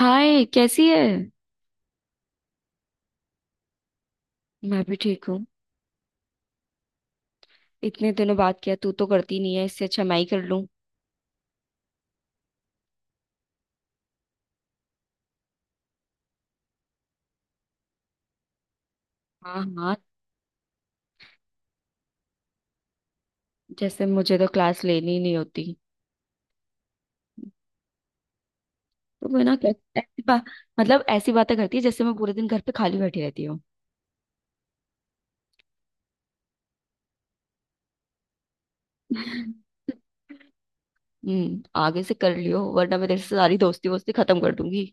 हाय, कैसी है? मैं भी ठीक हूँ। इतने दिनों बात किया, तू तो करती नहीं है, इससे अच्छा मैं ही कर लूँ। हाँ, हाँ। जैसे, मुझे तो क्लास लेनी ही नहीं होती। तो वो ना मतलब ऐसी बातें करती है जैसे मैं पूरे दिन घर पे खाली बैठी रहती हूँ। आगे से कर लियो, वरना मैं तेरे से सारी दोस्ती वोस्ती खत्म कर दूंगी।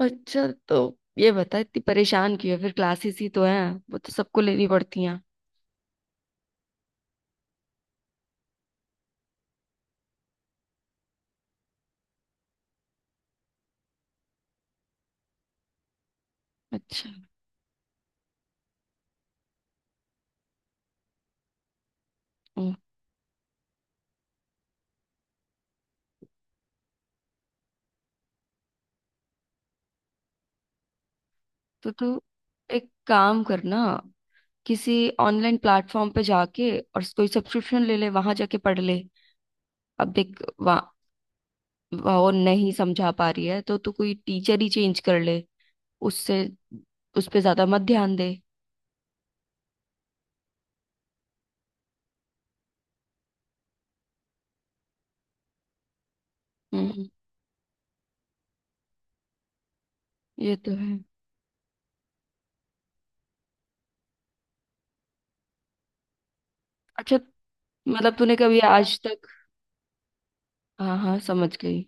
अच्छा। तो ये बता, इतनी परेशान क्यों है? फिर क्लासेस ही तो है, वो तो सबको लेनी पड़ती हैं। अच्छा। हम्म, तो तू एक काम करना, किसी ऑनलाइन प्लेटफॉर्म पे जाके और कोई सब्सक्रिप्शन ले ले, वहां जाके पढ़ ले। अब देख, वहाँ वो नहीं समझा पा रही है तो तू कोई टीचर ही चेंज कर ले। उससे, उस पे ज्यादा मत ध्यान दे। हम्म ये तो है। अच्छा, मतलब तूने कभी आज तक। हाँ, हाँ, समझ गई।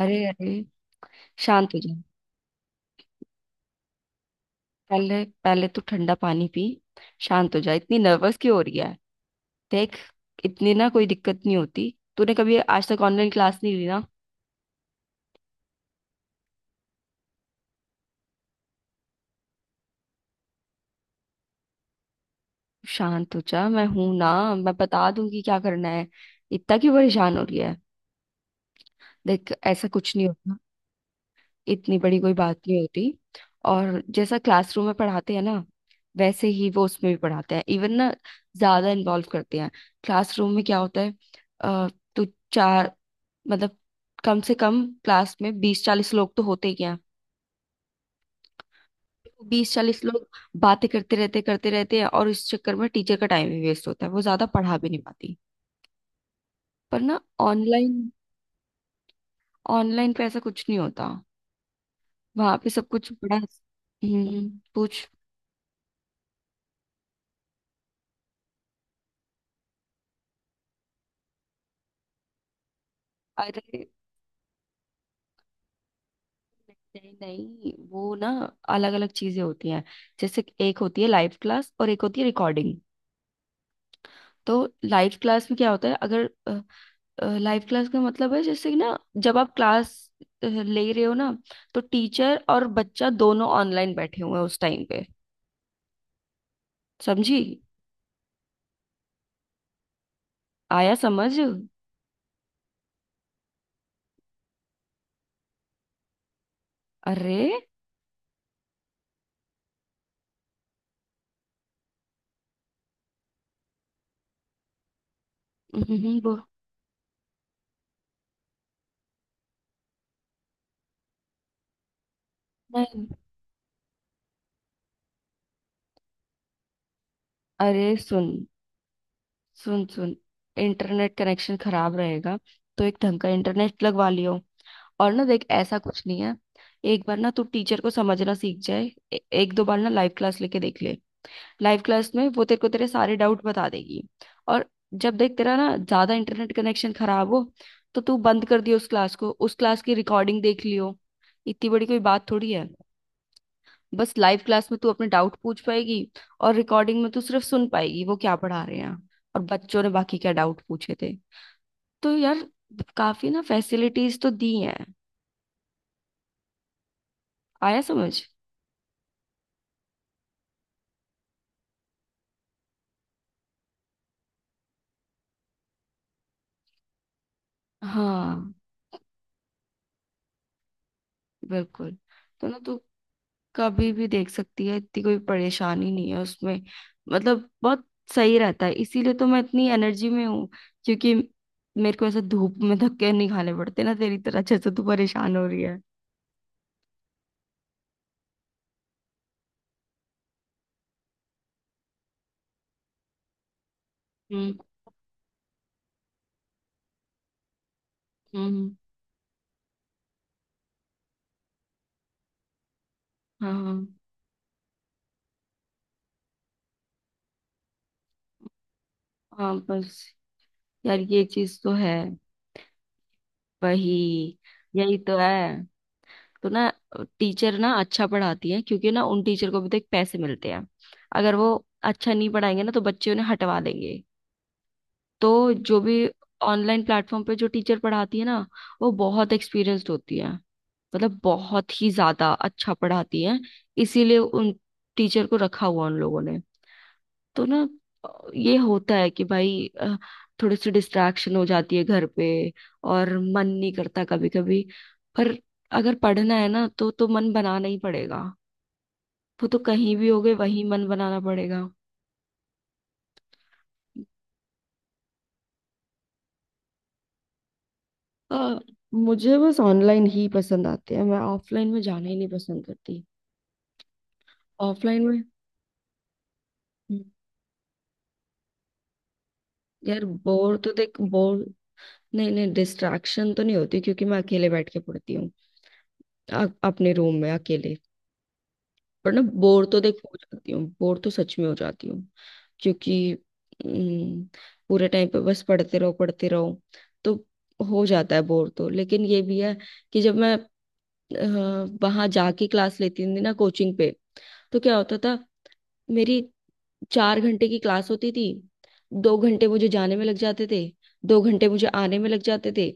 अरे, अरे, शांत हो जा। पहले पहले तू ठंडा पानी पी, शांत हो जा। इतनी नर्वस क्यों हो रही है? देख, इतनी ना कोई दिक्कत नहीं होती। तूने कभी आज तक ऑनलाइन क्लास नहीं ली ना। शांत हो जा, मैं हूं ना, मैं बता दूंगी क्या करना है। इतना क्यों परेशान हो रही है? देख, ऐसा कुछ नहीं होता। इतनी बड़ी कोई बात नहीं होती। और जैसा क्लासरूम में पढ़ाते हैं ना, वैसे ही वो उसमें भी पढ़ाते हैं, इवन ना ज्यादा इन्वॉल्व करते हैं। क्लासरूम में क्या होता है? अ, तो चार, मतलब कम से कम क्लास में 20-40 लोग तो होते ही हैं। तो 20-40 लोग बातें करते रहते हैं, और इस चक्कर में टीचर का टाइम भी वेस्ट होता है, वो ज्यादा पढ़ा भी नहीं पाती। पर ना, ऑनलाइन ऑनलाइन पे ऐसा कुछ नहीं होता, वहां पे सब कुछ बड़ा। हम्म पूछ। अरे, नहीं नहीं, वो ना अलग अलग चीजें होती हैं। जैसे कि एक होती है लाइव क्लास और एक होती है रिकॉर्डिंग। तो लाइव क्लास में क्या होता है अगर। लाइव क्लास का मतलब है जैसे कि ना, जब आप क्लास ले रहे हो ना, तो टीचर और बच्चा दोनों ऑनलाइन बैठे हुए हैं उस टाइम पे। समझी? आया समझ? अरे, वो नहीं। अरे, सुन, सुन, सुन। इंटरनेट कनेक्शन खराब रहेगा तो एक ढंग का इंटरनेट लगवा लियो। और ना, देख, ऐसा कुछ नहीं है। एक बार ना तू टीचर को समझना सीख जाए, एक दो बार ना लाइव क्लास लेके देख ले। लाइव क्लास में वो तेरे को तेरे सारे डाउट बता देगी। और जब देख तेरा ना ज्यादा इंटरनेट कनेक्शन खराब हो तो तू बंद कर दियो उस क्लास को, उस क्लास की रिकॉर्डिंग देख लियो। इतनी बड़ी कोई बात थोड़ी है। बस लाइव क्लास में तू अपने डाउट पूछ पाएगी, और रिकॉर्डिंग में तू सिर्फ सुन पाएगी वो क्या पढ़ा रहे हैं और बच्चों ने बाकी क्या डाउट पूछे थे। तो यार, काफी ना फैसिलिटीज तो दी हैं। आया समझ? हाँ, बिल्कुल। तो ना, तू कभी भी देख सकती है, इतनी कोई परेशानी नहीं है उसमें। मतलब बहुत सही रहता है, इसीलिए तो मैं इतनी एनर्जी में हूँ, क्योंकि मेरे को ऐसे धूप में धक्के नहीं खाने पड़ते ना, तेरी तरह, जैसे तू परेशान हो रही है। हम्म, हम्म, हाँ, हाँ। हाँ, बस। यार, ये चीज तो है। वही। यही तो है। तो ना, टीचर ना अच्छा पढ़ाती है, क्योंकि ना उन टीचर को भी तो एक पैसे मिलते हैं। अगर वो अच्छा नहीं पढ़ाएंगे ना, तो बच्चे उन्हें हटवा देंगे। तो जो भी ऑनलाइन प्लेटफॉर्म पे जो टीचर पढ़ाती है ना, वो बहुत एक्सपीरियंस्ड होती है, मतलब बहुत ही ज्यादा अच्छा पढ़ाती है। इसीलिए उन टीचर को रखा हुआ उन लोगों ने। तो ना अ, ये होता है कि भाई थोड़ी सी डिस्ट्रैक्शन हो जाती है घर पे, और मन नहीं करता कभी कभी। पर अगर पढ़ना है ना तो मन बनाना ही पड़ेगा। वो तो कहीं भी हो गए वहीं मन बनाना पड़ेगा। आ, मुझे बस ऑनलाइन ही पसंद आते हैं, मैं ऑफलाइन में जाना ही नहीं पसंद करती। ऑफलाइन में। हम्म। यार, बोर तो देख, बोर। नहीं नहीं, डिस्ट्रैक्शन तो नहीं होती, क्योंकि मैं अकेले बैठ के पढ़ती हूँ, अपने रूम में अकेले। पर ना, बोर तो देखो हो जाती हूँ, बोर तो सच में हो जाती हूँ, क्योंकि हम्म, पूरे टाइम पे बस पढ़ते रहो पढ़ते रहो। तो हो जाता है बोर तो, लेकिन ये भी है कि जब मैं वहां जाके क्लास लेती थी ना, कोचिंग पे, तो क्या होता था? मेरी 4 घंटे की क्लास होती थी, 2 घंटे मुझे जाने में लग जाते थे, 2 घंटे मुझे आने में लग जाते थे।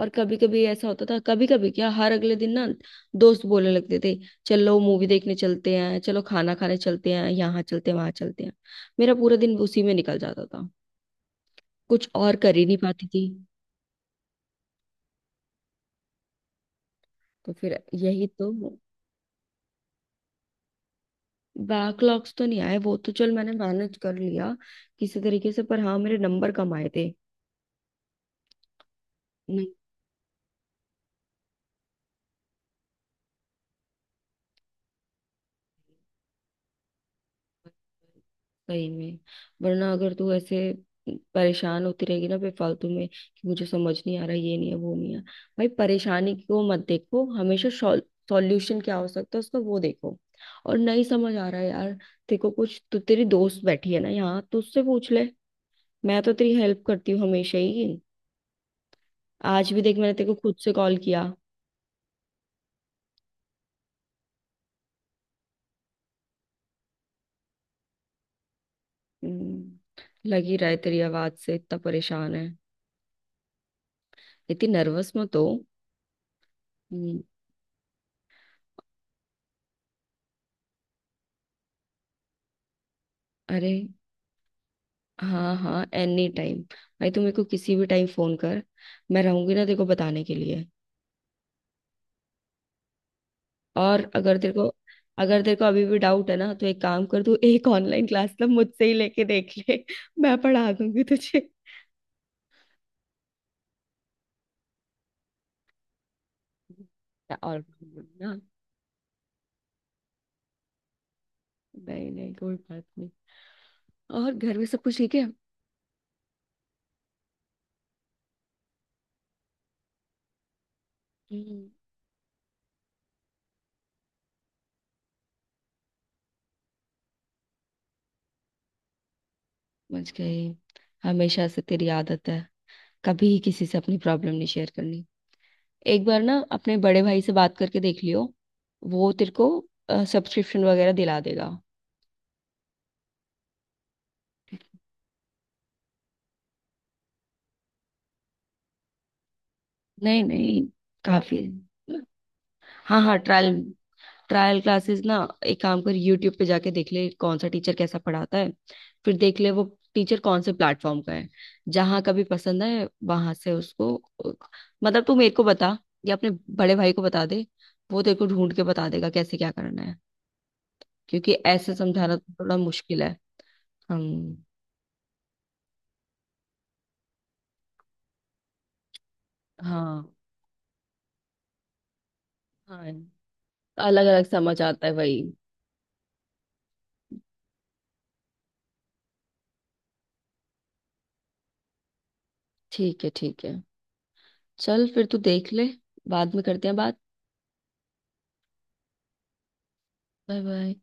और कभी कभी ऐसा होता था, कभी कभी क्या, हर अगले दिन ना दोस्त बोलने लगते थे, चलो मूवी देखने चलते हैं, चलो खाना खाने चलते हैं, यहाँ चलते हैं, वहां चलते हैं। मेरा पूरा दिन उसी में निकल जाता था, कुछ और कर ही नहीं पाती थी। तो फिर यही तो। बैकलॉग्स तो नहीं आए, वो तो चल मैंने मैनेज कर लिया किसी तरीके से, पर हाँ, मेरे नंबर कम आए थे। सही में, वरना अगर तू ऐसे परेशान होती रहेगी ना बेफालतू में, कि मुझे समझ नहीं आ रहा, ये नहीं है, वो नहीं है। भाई, परेशानी को मत देखो हमेशा, सॉल्यूशन क्या हो सकता है उसका, वो देखो। और नहीं समझ आ रहा है यार, देखो, कुछ तो तेरी दोस्त बैठी है ना यहाँ, तो उससे पूछ ले। मैं तो तेरी हेल्प करती हूँ हमेशा ही, आज भी देख, मैंने तेरे को खुद से कॉल किया। हम्म, लग ही रहा है तेरी आवाज से इतना परेशान है। इतनी नर्वस मत हो। हम्म, अरे, हाँ हाँ, एनी टाइम। भाई, तू मेरे को किसी भी टाइम फोन कर, मैं रहूंगी ना तेरे को बताने के लिए। और अगर तेरे को अभी भी डाउट है ना, तो एक काम कर, तू एक ऑनलाइन क्लास ना मुझसे ही लेके देख ले मैं पढ़ा दूंगी तुझे। या और। ना, नहीं नहीं कोई बात नहीं। और घर में सब कुछ ठीक है? हम्म, समझ गई। हमेशा से तेरी आदत है कभी किसी से अपनी प्रॉब्लम नहीं शेयर करनी। एक बार ना अपने बड़े भाई से बात करके देख लियो, वो तेरे को सब्सक्रिप्शन वगैरह दिला देगा। नहीं नहीं, काफी है। हाँ हाँ, ट्रायल, ट्रायल क्लासेस ना। एक काम कर, यूट्यूब पे जाके देख ले कौन सा टीचर कैसा पढ़ाता है, फिर देख ले वो टीचर कौन से प्लेटफॉर्म का है, जहाँ का भी पसंद है वहां से उसको। मतलब तू मेरे को बता या अपने बड़े भाई को बता दे, वो तेरे को ढूंढ के बता देगा कैसे क्या करना है, क्योंकि ऐसे समझाना तो थोड़ा मुश्किल है। हम। हाँ हाँ। अलग अलग समझ आता है वही। ठीक है, ठीक है। चल फिर, तू देख ले। बाद में करते हैं बात। Bye, bye.